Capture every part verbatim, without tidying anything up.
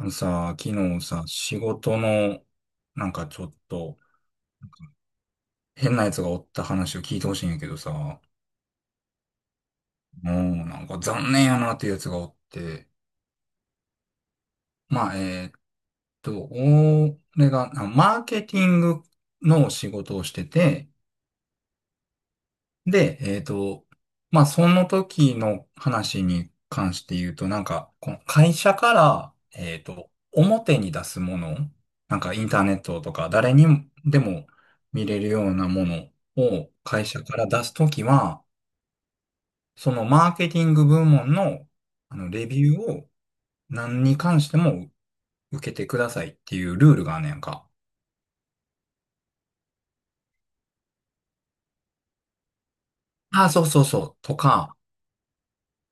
あのさ、昨日さ、仕事の、なんかちょっと、なんか変なやつがおった話を聞いてほしいんやけどさ、もうなんか残念やなっていうやつがおって、まあ、えーっと、俺が、あマーケティングの仕事をしてて、で、えっと、まあ、その時の話に関して言うと、なんか、この会社から、えっと、表に出すもの、なんかインターネットとか誰にでも見れるようなものを会社から出すときは、そのマーケティング部門の、あの、レビューを何に関しても受けてくださいっていうルールがあんねやんか。ああ、そうそうそう、とか、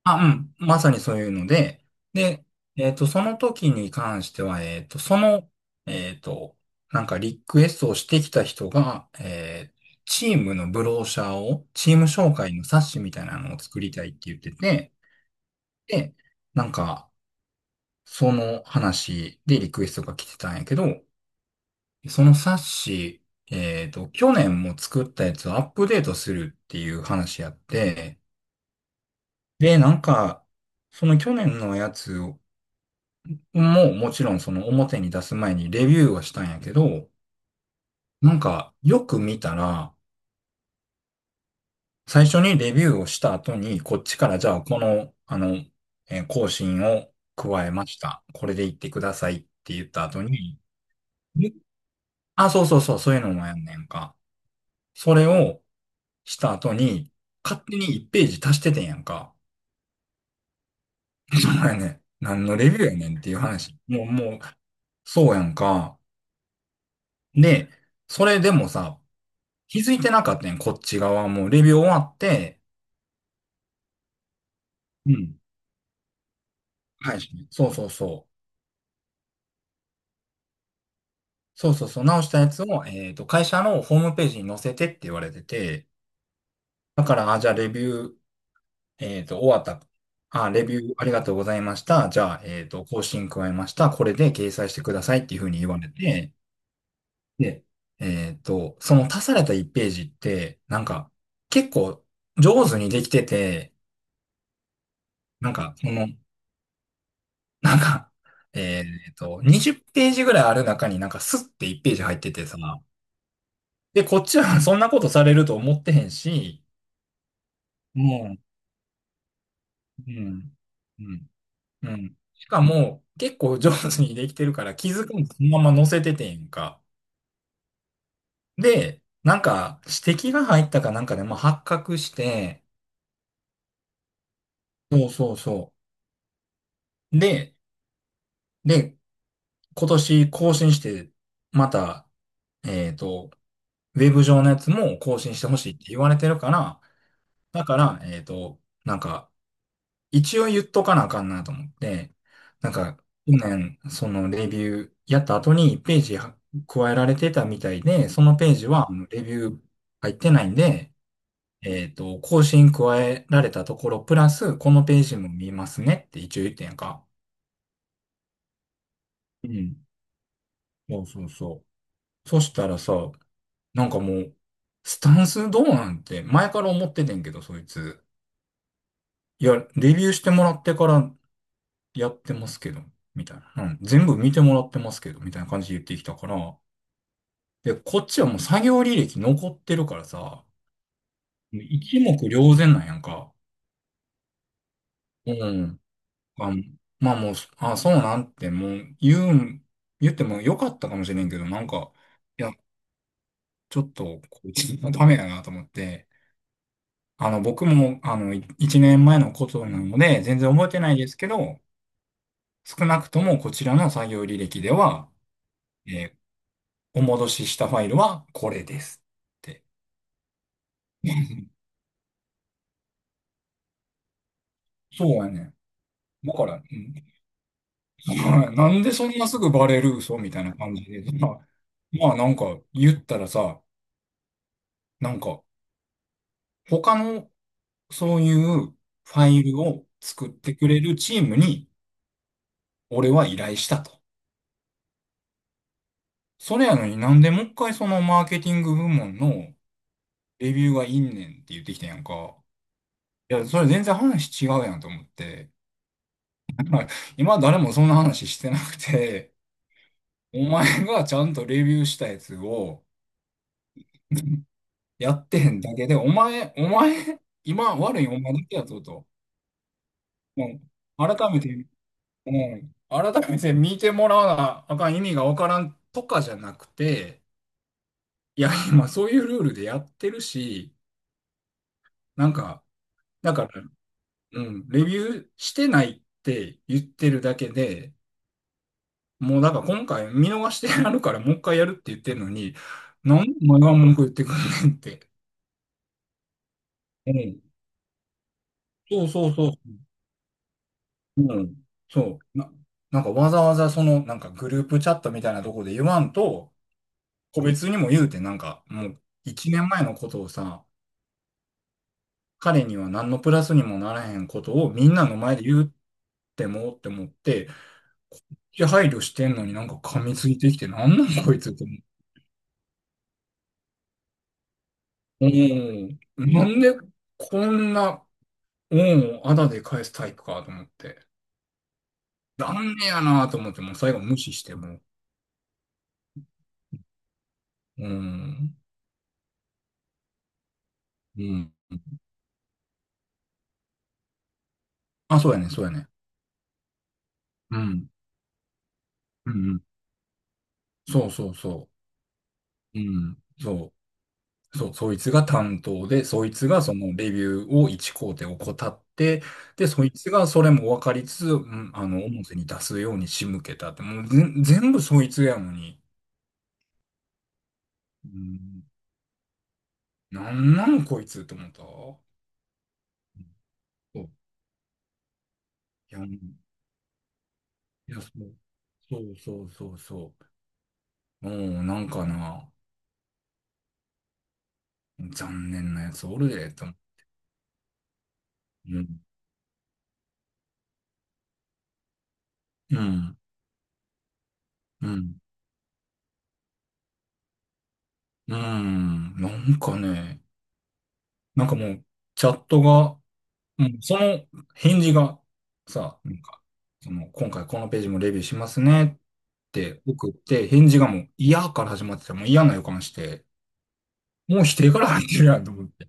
あ、うん。まさにそういうので、で、えっと、その時に関しては、えっと、その、えっと、なんかリクエストをしてきた人が、えーチームのブローシャーを、チーム紹介の冊子みたいなのを作りたいって言ってて、で、なんか、その話でリクエストが来てたんやけど、その冊子、えっと、去年も作ったやつをアップデートするっていう話やって、で、なんか、その去年のやつもうもちろんその表に出す前にレビューはしたんやけど、なんかよく見たら、最初にレビューをした後に、こっちからじゃあこの、あの、えー更新を加えました。これで言ってくださいって言った後に、えあ、そうそうそう、そういうのもやんねんか。それをした後に、勝手にいちページ足しててんやんか。そうやねん。何のレビューやねんっていう話。もう、もう、そうやんか。で、それでもさ、気づいてなかったね、こっち側も。レビュー終わって、うん。はい。そうそうそう。そうそうそう。直したやつを、えっと、会社のホームページに載せてって言われてて、だから、あ、じゃあレビュー、えっと、終わった。あ、レビューありがとうございました。じゃあ、えっと、更新加えました。これで掲載してくださいっていうふうに言われて、で、えっと、その足されたいちページって、なんか、結構上手にできてて、なんか、その、なんか、えーっと、にじゅっページぐらいある中になんかスッていちページ入っててさ、で、こっちは そんなことされると思ってへんし、もう、うん、うん、うん。しかも、結構上手にできてるから気づくんそのまま載せててんか。で、なんか指摘が入ったかなんかで、まあ、発覚して、そうそうそう。で、で、今年更新して、また、えーっと、ウェブ上のやつも更新してほしいって言われてるから、だから、えっと、なんか、一応言っとかなあかんなと思って、なんか、去年、そのレビューやった後にページは加えられてたみたいで、そのページはあのレビュー入ってないんで、えっと、更新加えられたところ、プラス、このページも見ますねって一応言ってんやんか。うん。そうそうそう。そしたらさ、なんかもう、スタンスどうなんて前から思っててんけど、そいつ。いや、レビューしてもらってからやってますけど、みたいな。うん。全部見てもらってますけど、みたいな感じで言ってきたから。で、こっちはもう作業履歴残ってるからさ、一目瞭然なんやんか。うん。あ、まあもう、あ、そうなんてもう言うん、言ってもよかったかもしれんけど、なんか、いや、ちょっと、こいつダメだなと思って、あの、僕も、あの、い一年前のことなので、全然覚えてないですけど、少なくともこちらの作業履歴では、えーお戻ししたファイルはこれですって。そうやねだから、うん、なんでそんなすぐバレる嘘みたいな感じで。まあ、まあなんか言ったらさ、なんか他のそういうファイルを作ってくれるチームに俺は依頼したと。それやのになんでもう一回そのマーケティング部門のレビューがいんねんって言ってきたやんか。いや、それ全然話違うやんと思って。今誰もそんな話してなくて、お前がちゃんとレビューしたやつをやってへんだけで、お前、お前、今悪いお前だけやぞと。もう、改めて、もう、改めて見てもらわなあかん意味がわからんとかじゃなくて、いや、今そういうルールでやってるし、なんか、だから、うん、レビューしてないって言ってるだけで、もうだから今回見逃してやるからもう一回やるって言ってるのに、なんでお前が文句言ってくんねんって。うん。そうそうそう。うん。そう。な、なんかわざわざその、なんかグループチャットみたいなとこで言わんと、個別にも言うて、なんかもう一年前のことをさ、彼には何のプラスにもならへんことをみんなの前で言うってもって思って、いや、配慮してんのになんか噛みついてきて、なんなんこいつって思う。うん。なんでこんな、恩をあだで返すタイプかと思って。残念やなと思って、もう最後無視してもう。うん。うん。あ、そうやね、そうやね。うん。うんうん。そうそうそううん。そう。そう、そいつが担当で、そいつがそのレビューを一工程怠って、で、そいつがそれも分かりつつ、うん、あの、表に出すように仕向けたって、もうぜん全部そいつやのに、うんなんなんこいつって思ったうんそう。いや、うんいや、そう。そうそうそうそう。もう、なんかな、残念なやつおるで、と思う。うん。うん。うん。うん。なんかね、なんかもう、チャットが、もうその返事がさ、なんか、その、今回このページもレビューしますねって送って、返事がもう嫌から始まってた。もう嫌な予感して、もう否定から入ってるやんと思って。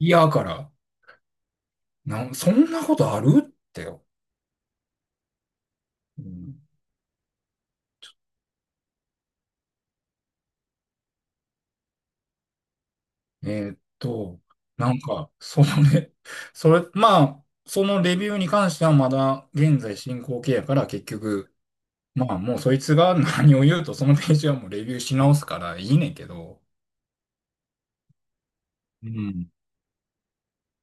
嫌から、なん、そんなことあるってよ。うん、えーっと、なんか、そのね、それ、まあ、そのレビューに関してはまだ現在進行形やから結局、まあもうそいつが何を言うとそのページはもうレビューし直すからいいねんけど、うん。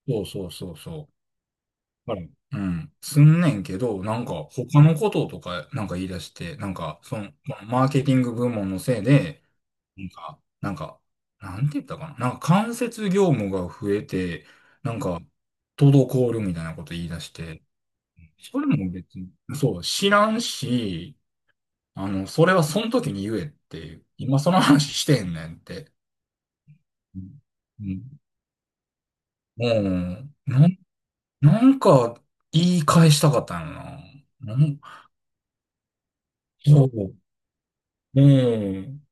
そうそうそうそう。はいうん。すんねんけど、なんか他のこととかなんか言い出して、なんかその、このマーケティング部門のせいで、なんか、なんか、なんて言ったかな。なんか間接業務が増えて、なんか、滞るみたいなこと言い出して、それも別に、そう、知らんし、あの、それはその時に言えっていう、今その話してんねんって。うん。うん。なん、なんか、言い返したかったのな。なん、そう。うん。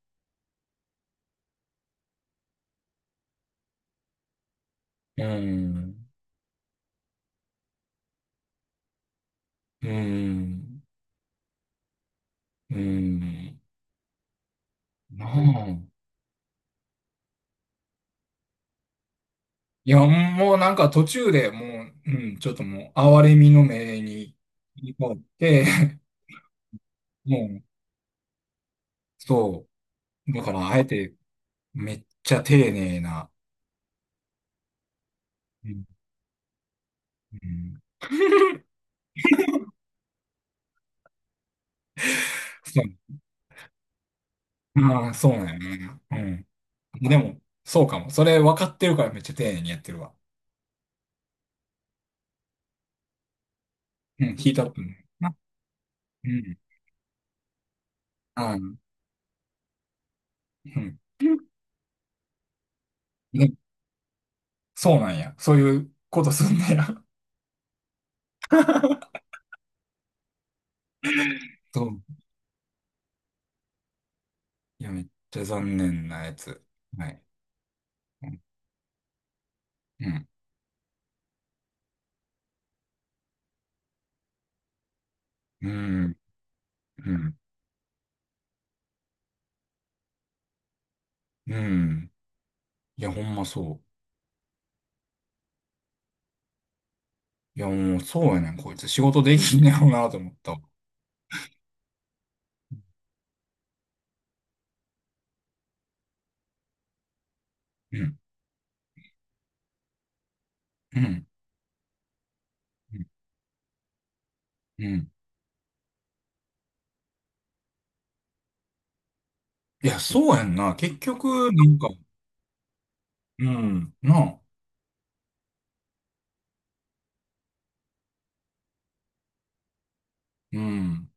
うん。うん。うん。なあ。いや、もうなんか途中でもう、うん、ちょっともう、哀れみの目に、切り替わって、もう、そう。だから、あえて、めっちゃ丁寧な、うん。うんそう。ああ、そうなんやねうん。でも、そうかも。それ分かってるからめっちゃ丁寧にやってるわ。うん、ヒートアップね。なうん。あの、うん。ねそうなんや。そういうことすんだや。そう。いや、めっちゃ残念なやつ。はい。うん。うん。うん。うん。いや、ほんまそう。いや、もうそうやねん、こいつ。仕事できんねやろうなと思ったわ。うん。うん。うん。うんいや、そうやんな。結局、なんか、うん。なあ。うん。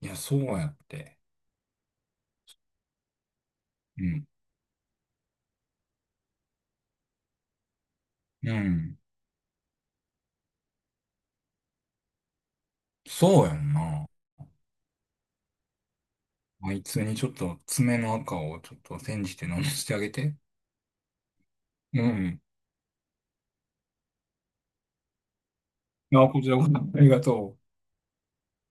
いや、そうやって。うん。うん。そうやんな。あいつにちょっと爪の赤をちょっと煎じて飲ませてあげて。うん。あ、こちらこそありがとう。